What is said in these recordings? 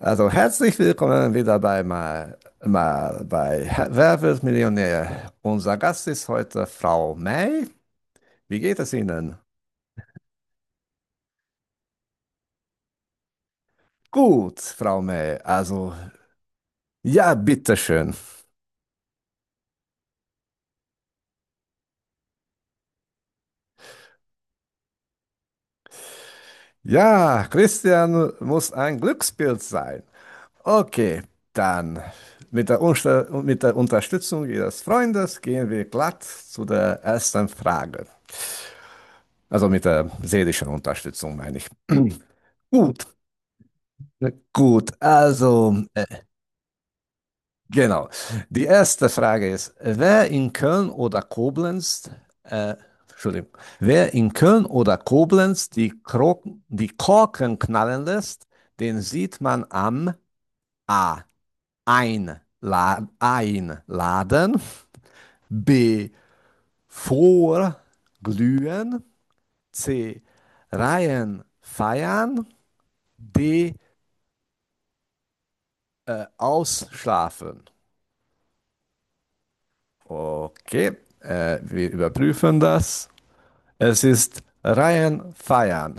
Also herzlich willkommen wieder bei mal, mal bei Herr- Wer wird Millionär? Unser Gast ist heute Frau May. Wie geht es Ihnen? Gut, Frau May. Also ja, bitteschön. Ja, Christian muss ein Glückspilz sein. Okay, dann mit der Unterstützung Ihres Freundes gehen wir glatt zu der ersten Frage. Also mit der seelischen Unterstützung meine ich. Gut. Gut, also genau. Die erste Frage ist, wer in Köln oder Koblenz, äh, Entschuldigung, wer in Köln oder Koblenz die Korken knallen lässt, den sieht man am A. Ein, La B. Vorglühen, C. Reihen feiern, D. Ausschlafen. Okay, wir überprüfen das. Es ist Ryan Feiern,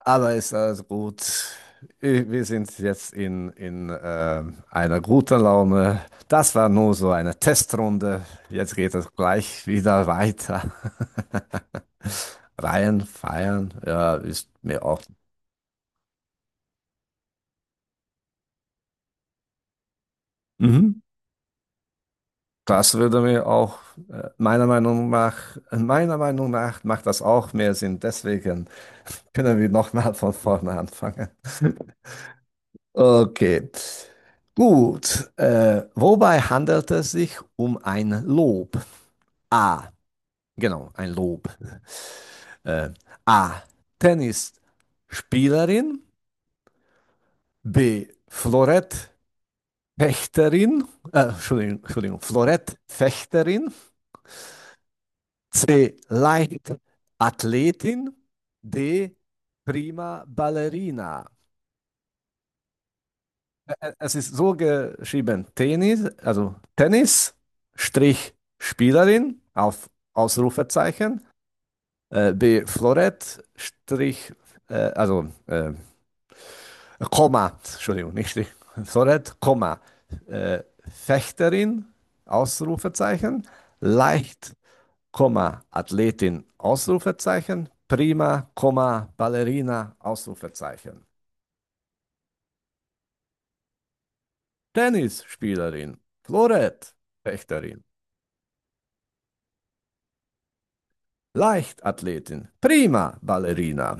aber ist alles gut. Wir sind jetzt in einer guten Laune. Das war nur so eine Testrunde. Jetzt geht es gleich wieder weiter. Ryan Feiern, ja, ist mir auch. Mhm. Das würde mir auch, äh, meiner Meinung nach, meiner Meinung nach, macht das auch mehr Sinn. Deswegen können wir nochmal von vorne anfangen. Okay. Gut. Wobei handelt es sich um ein Lob? A. Genau, ein Lob. Äh, A. Tennisspielerin. B. Florettfechterin. Entschuldigung, Entschuldigung, Florettfechterin. C. Leichtathletin. D. Prima Ballerina. Es ist so geschrieben, Tennis, also Tennis, Strich Spielerin auf Ausrufezeichen, B Florett, Strich, also Komma, Entschuldigung, nicht Strich, Florett, Komma, äh, Fechterin, Ausrufezeichen, Leicht, Komma, Athletin, Ausrufezeichen, Prima, Komma, Ballerina, Ausrufezeichen, Tennisspielerin, Florett, Fechterin. Leichtathletin. Prima Ballerina.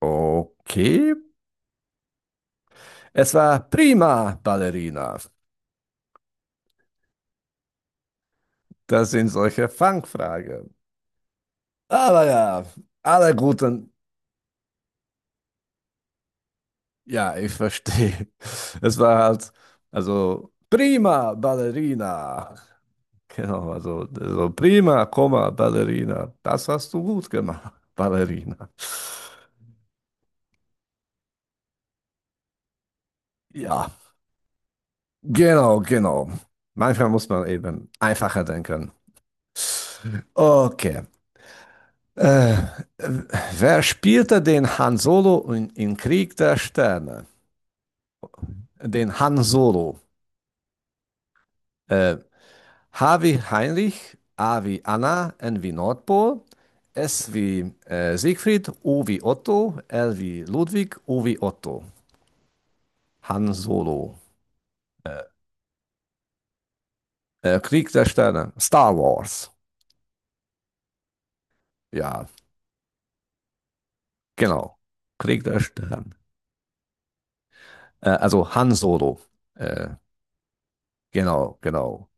Okay. Es war prima Ballerina. Das sind solche Fangfragen. Aber ja, alle guten. Ja, ich verstehe. Es war halt, also prima Ballerina. Genau, also so prima, Komma, Ballerina. Das hast du gut gemacht, Ballerina. Ja, genau, genau. Manchmal muss man eben einfacher denken. Okay. Äh, wer spielte den Han Solo in Krieg der Sterne? Den Han Solo. Äh, H wie Heinrich, A wie Anna, N wie Nordpol, S wie Siegfried, O wie Otto, L wie Ludwig, O wie Otto. Han Solo. Krieg der Sterne. Star Wars. Ja, genau. Krieg der Sterne. Also Han Solo. Äh, genau, genau.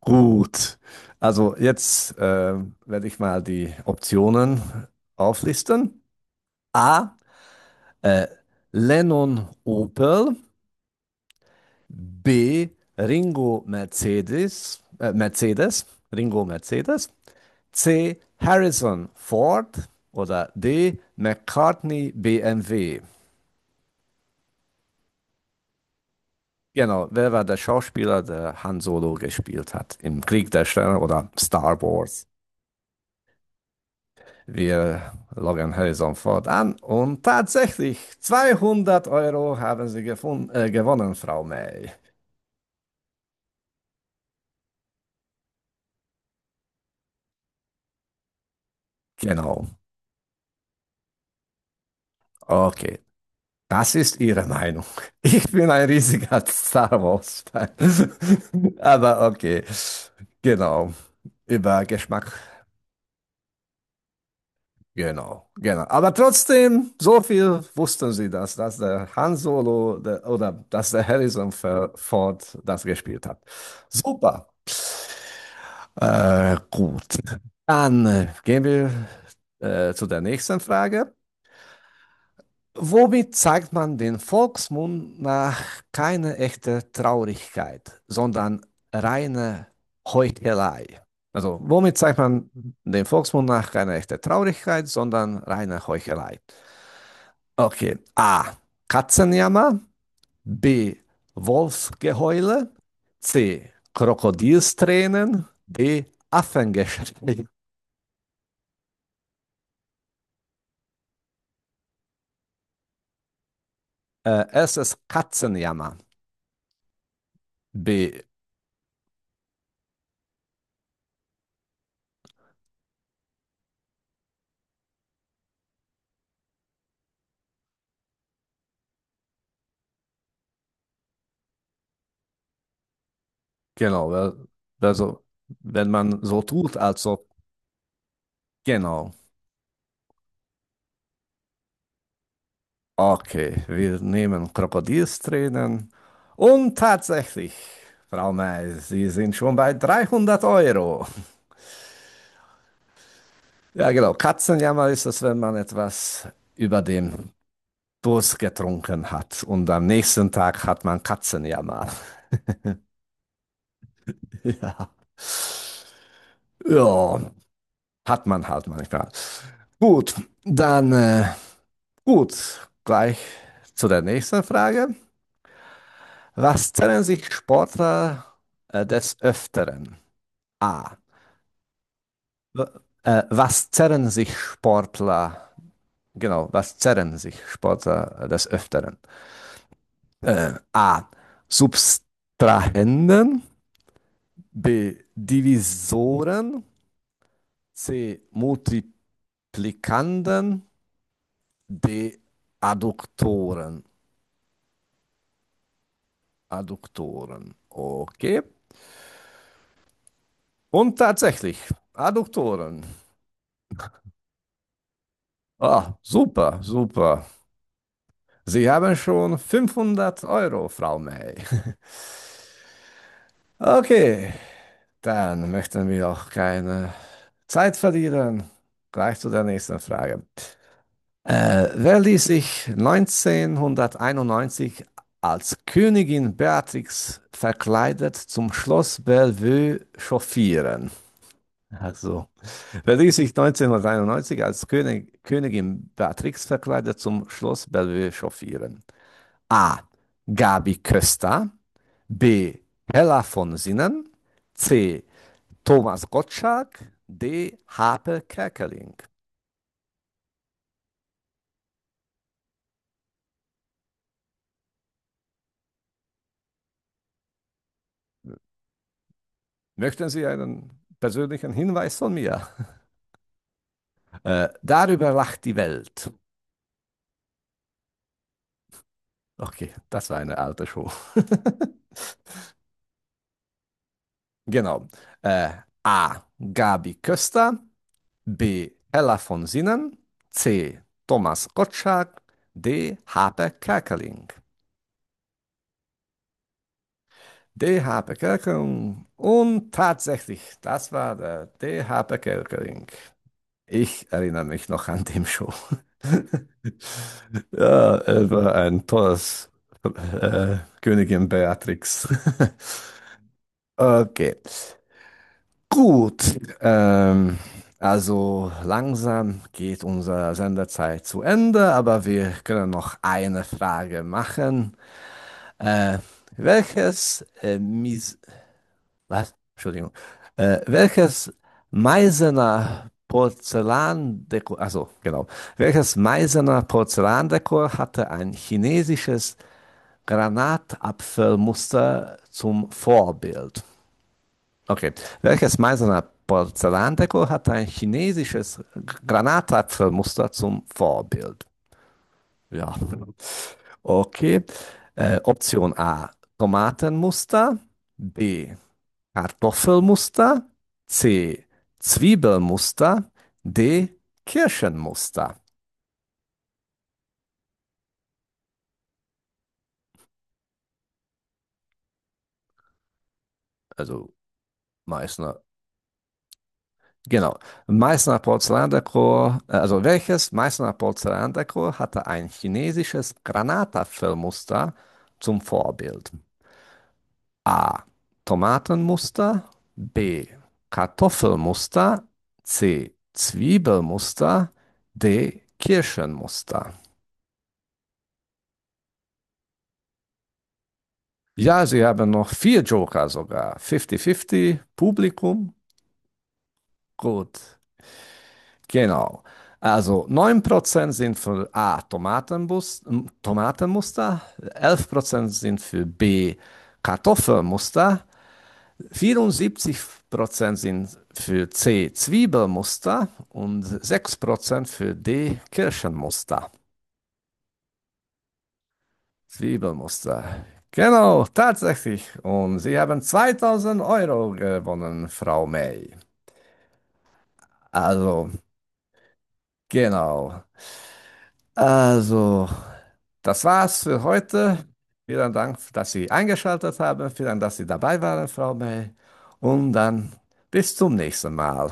Gut, also jetzt werde ich mal die Optionen auflisten. A. Äh, Lennon Opel. B. Ringo Mercedes. Mercedes. Ringo Mercedes. C. Harrison Ford. Oder D. McCartney BMW. Genau, wer war der Schauspieler, der Han Solo gespielt hat im Krieg der Sterne oder Star Wars? Wir loggen Horizon Ford an und tatsächlich 200 Euro haben Sie gewonnen, Frau May. Genau. Okay. Das ist Ihre Meinung. Ich bin ein riesiger Star Wars-Fan. Aber okay. Genau. Über Geschmack. Genau. Genau. Aber trotzdem, so viel wussten Sie das, dass der Han Solo oder dass der Harrison Ford das gespielt hat. Super. Gut. Dann gehen wir zu der nächsten Frage. Womit zeigt man den Volksmund nach keine echte Traurigkeit, sondern reine Heuchelei? Also, womit zeigt man den Volksmund nach keine echte Traurigkeit, sondern reine Heuchelei? Okay. A. Katzenjammer. B. Wolfsgeheule. C. Krokodilstränen. D. Affengeschrei. Es ist Katzenjammer. B. Genau. Also, wenn man so tut, als ob. Genau. Okay, wir nehmen Krokodilstränen. Und tatsächlich, Frau May, Sie sind schon bei 300 Euro. Ja, genau. Katzenjammer ist es, wenn man etwas über den Durst getrunken hat. Und am nächsten Tag hat man Katzenjammer. Ja. Ja, hat man halt manchmal. Gut, dann. Gut, gleich zu der nächsten Frage. Was zerren sich Sportler des Öfteren? A. W- was zerren sich Sportler? Genau, was zerren sich Sportler des Öfteren? A. Subtrahenden. B. Divisoren. C. Multiplikanden. D. Adduktoren. Adduktoren. Okay. Und tatsächlich, Adduktoren. Ah, super, super. Sie haben schon 500 Euro, Frau May. Okay, dann möchten wir auch keine Zeit verlieren. Gleich zu der nächsten Frage. Wer ließ sich 1991 als Königin Beatrix verkleidet zum Schloss Bellevue chauffieren? Also, wer ließ sich 1991 als Königin Beatrix verkleidet zum Schloss Bellevue chauffieren? A. Gabi Köster, B. Hella von Sinnen, C. Thomas Gottschalk, D. Hape Kerkeling. Möchten Sie einen persönlichen Hinweis von mir? Darüber lacht die Welt. Okay, das war eine alte Show. Genau. Äh, A. Gabi Köster, B. Hella von Sinnen, C. Thomas Gottschalk, D. Hape Kerkeling. DH Bevölkerung. Und tatsächlich, das war der DH Bevölkerung. Ich erinnere mich noch an dem Show. Ja, er war ein tolles Königin Beatrix. Okay. Gut. Also langsam geht unsere Sendezeit zu Ende, aber wir können noch eine Frage machen. Äh, welches Mis Was? Entschuldigung. Welches Meißener Porzellandekor, also genau, welches Meißener Porzellandekor hatte ein chinesisches Granatapfelmuster zum Vorbild? Okay, welches Meißener Porzellandekor hatte ein chinesisches Granatapfelmuster zum Vorbild? Ja, okay. Option A, Tomatenmuster. B. Kartoffelmuster, C. Zwiebelmuster, D. Kirschenmuster. Also Meißner. Genau. Meißner Porzellandekor, also welches Meißner Porzellandekor hatte ein chinesisches Granatapfelmuster zum Vorbild? A. Tomatenmuster, B. Kartoffelmuster, C. Zwiebelmuster, D. Kirschenmuster. Ja, sie haben noch vier Joker sogar. 50-50, Publikum, gut. Genau. Also 9% sind für A, Tomatenmuster, 11% sind für B, Kartoffelmuster, 74% sind für C, Zwiebelmuster und 6% für D, Kirschenmuster. Zwiebelmuster. Genau, tatsächlich. Und Sie haben 2000 Euro gewonnen, Frau May. Also, genau. Also, das war's für heute. Vielen Dank, dass Sie eingeschaltet haben. Vielen Dank, dass Sie dabei waren, Frau May. Und dann bis zum nächsten Mal.